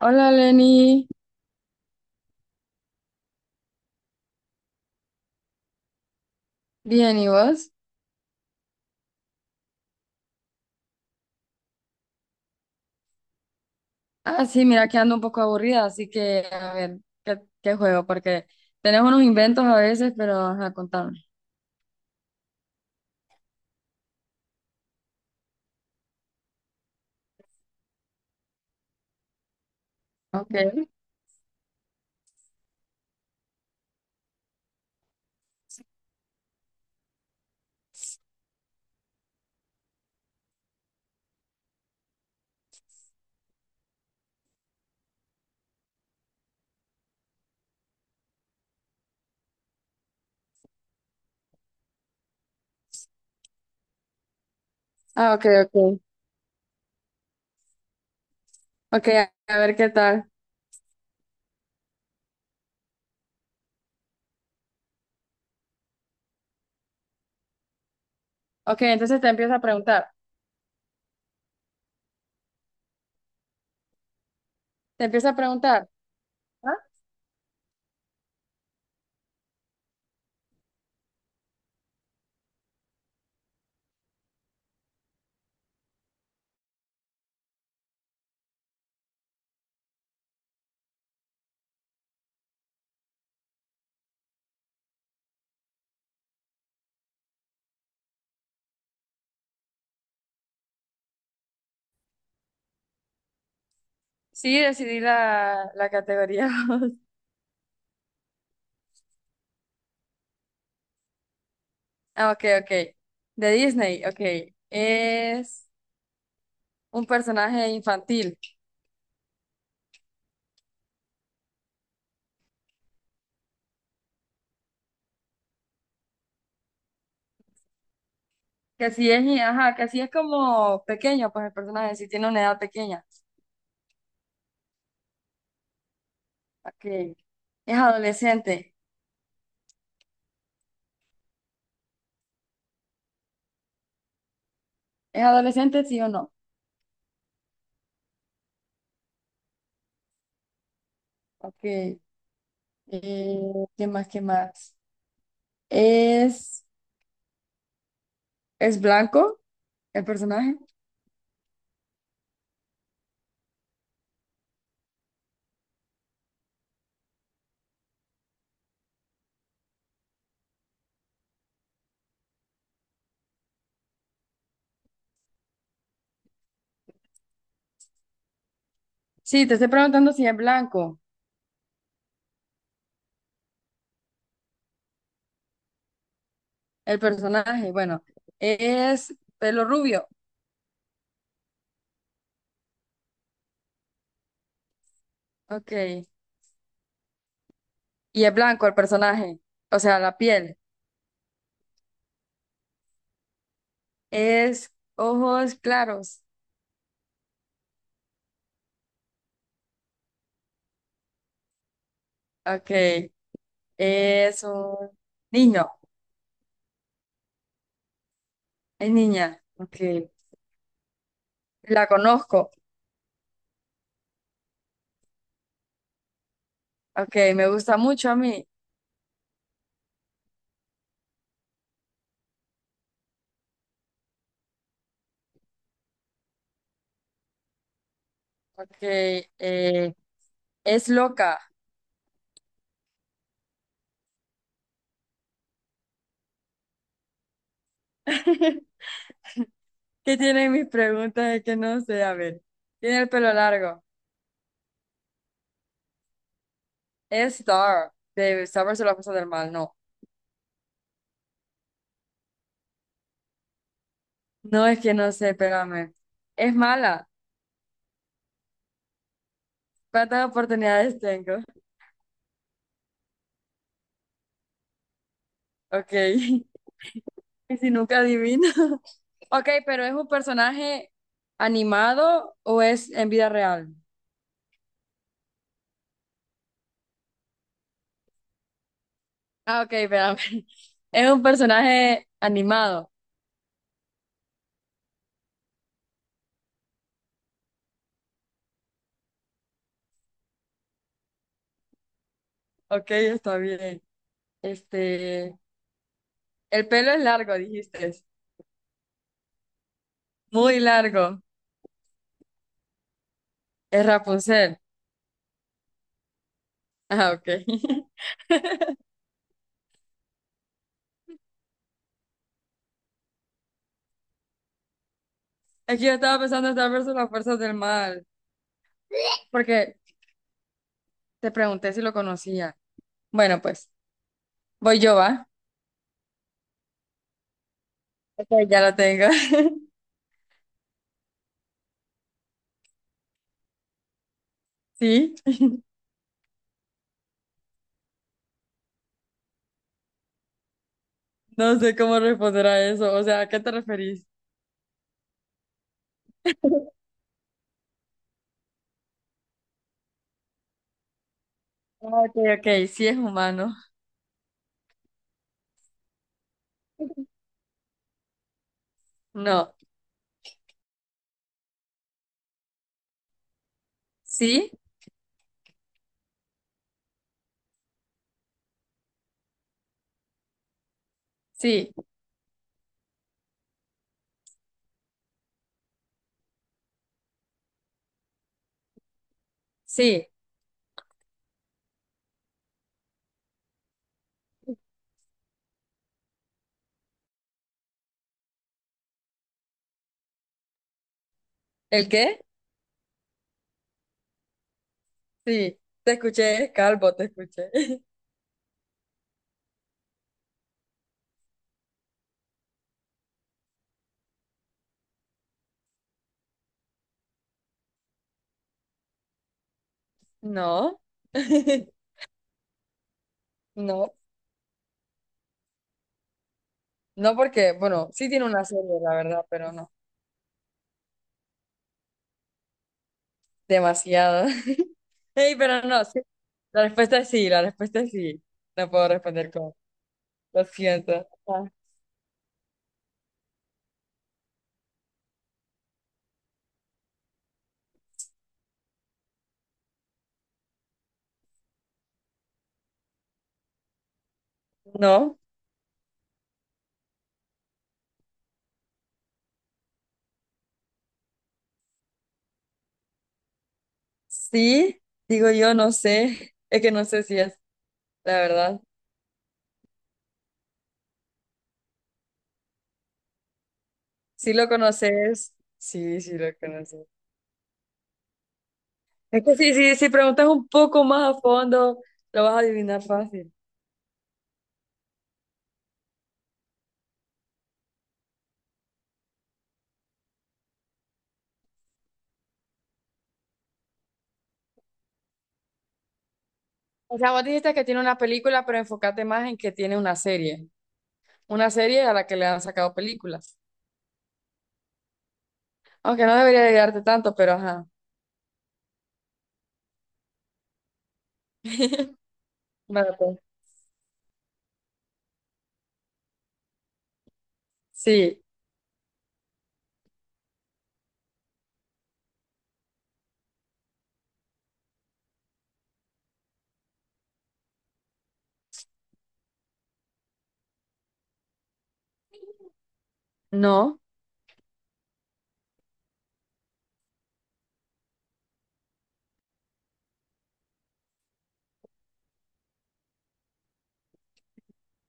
Hola Lenny, bien, ¿y vos? Ah, sí, mira que ando un poco aburrida, así que a ver, ¿qué juego? Porque tenemos unos inventos a veces, pero ajá, contame. Ok. Ah, ok, ok. Ok, a ver qué tal. Ok, entonces te empiezo a preguntar. Te empiezo a preguntar. ¿Ah? Sí, decidí la categoría. Ah, ok, ok. De Disney, ok. Es un personaje infantil. Que sí es, ajá, que sí es como pequeño, pues el personaje sí tiene una edad pequeña. Ok. ¿Es adolescente? ¿Es adolescente, sí o no? Ok. ¿Qué más? ¿Qué más? ¿Es, es blanco el personaje? Sí, te estoy preguntando si es blanco el personaje. Bueno, es pelo rubio. Ok. Y es blanco el personaje. O sea, la piel. Es ojos claros. Ok. Es un niño. Es niña. Ok. La conozco. Ok. Me gusta mucho a mí. Ok, es loca. ¿Qué tiene mis preguntas? Es que no sé, a ver. Tiene el pelo largo. Es Star, de Star versus las fuerzas del mal, no. No es que no sé, espérame. Es mala. ¿Cuántas oportunidades tengo? Ok. Y si nunca adivino. Ok, pero ¿es un personaje animado o es en vida real? Ah, ok, espérame. Es un personaje animado. Ok, está bien. Este. El pelo es largo, dijiste. Muy largo. Es Rapunzel. Ah, ok. Es que yo estaba pensando en Star versus las fuerzas del mal. Porque te pregunté si lo conocía. Bueno, pues, voy yo, ¿va? Ok, ya lo tengo. Sí. No sé cómo responder a eso. O sea, ¿a qué te referís? Ah, ok, ok. Sí es humano. No. Sí, sí, sí. ¿El qué? Sí. Te escuché, calvo, te escuché. No. No. No porque, bueno, sí tiene una serie, la verdad, pero no. Demasiado. Ey, pero no, sí. La respuesta es sí, la respuesta es sí. No puedo responder con, lo siento. Ah, no, sí, digo yo, no sé. Es que no sé si es, la verdad. Si lo conoces, sí, sí lo conoces. Es que sí, sí, si preguntas un poco más a fondo, lo vas a adivinar fácil. O sea, vos dijiste que tiene una película, pero enfócate más en que tiene una serie. Una serie a la que le han sacado películas. Aunque no debería ayudarte tanto, pero ajá. Vale, pues. Sí, no.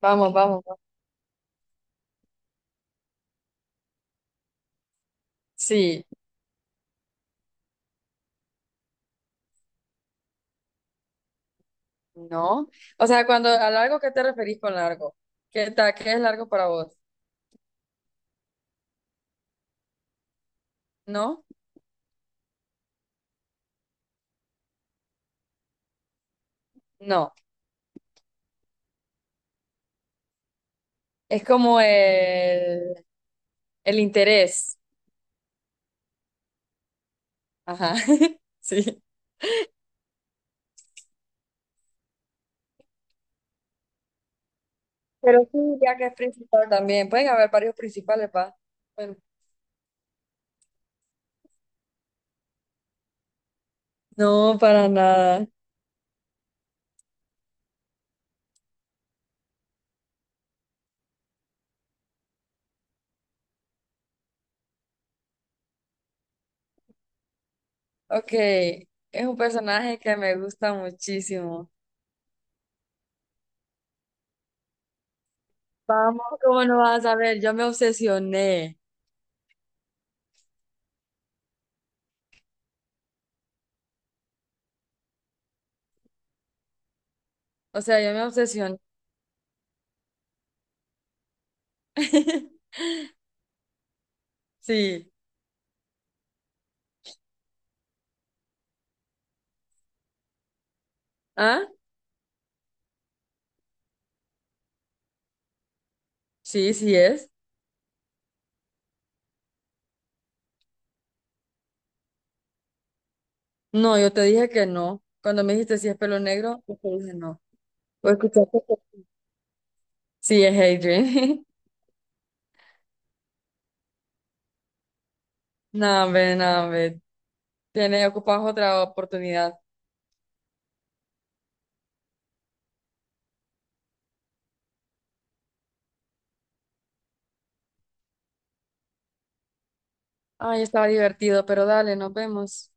Vamos, vamos, vamos. Sí, no. O sea, cuando a largo, ¿qué te referís con largo? ¿Qué tal? ¿Qué es largo para vos? No, no. Es como el interés. Ajá. Sí. Pero sí, ya que es principal también. Pueden haber varios principales, pa. Bueno. No, para nada. Ok. Es un personaje que me gusta muchísimo. Vamos, ¿cómo no vas a ver? Yo me obsesioné. O sea, yo me obsesioné. Sí. ¿Ah? Sí, sí es. No, yo te dije que no. Cuando me dijiste si es pelo negro, yo te dije no. ¿O escuchaste que- Sí, es Adrian. No, hombre, no, hombre. Tiene, ocupas otra oportunidad. Ay, estaba divertido, pero dale, nos vemos.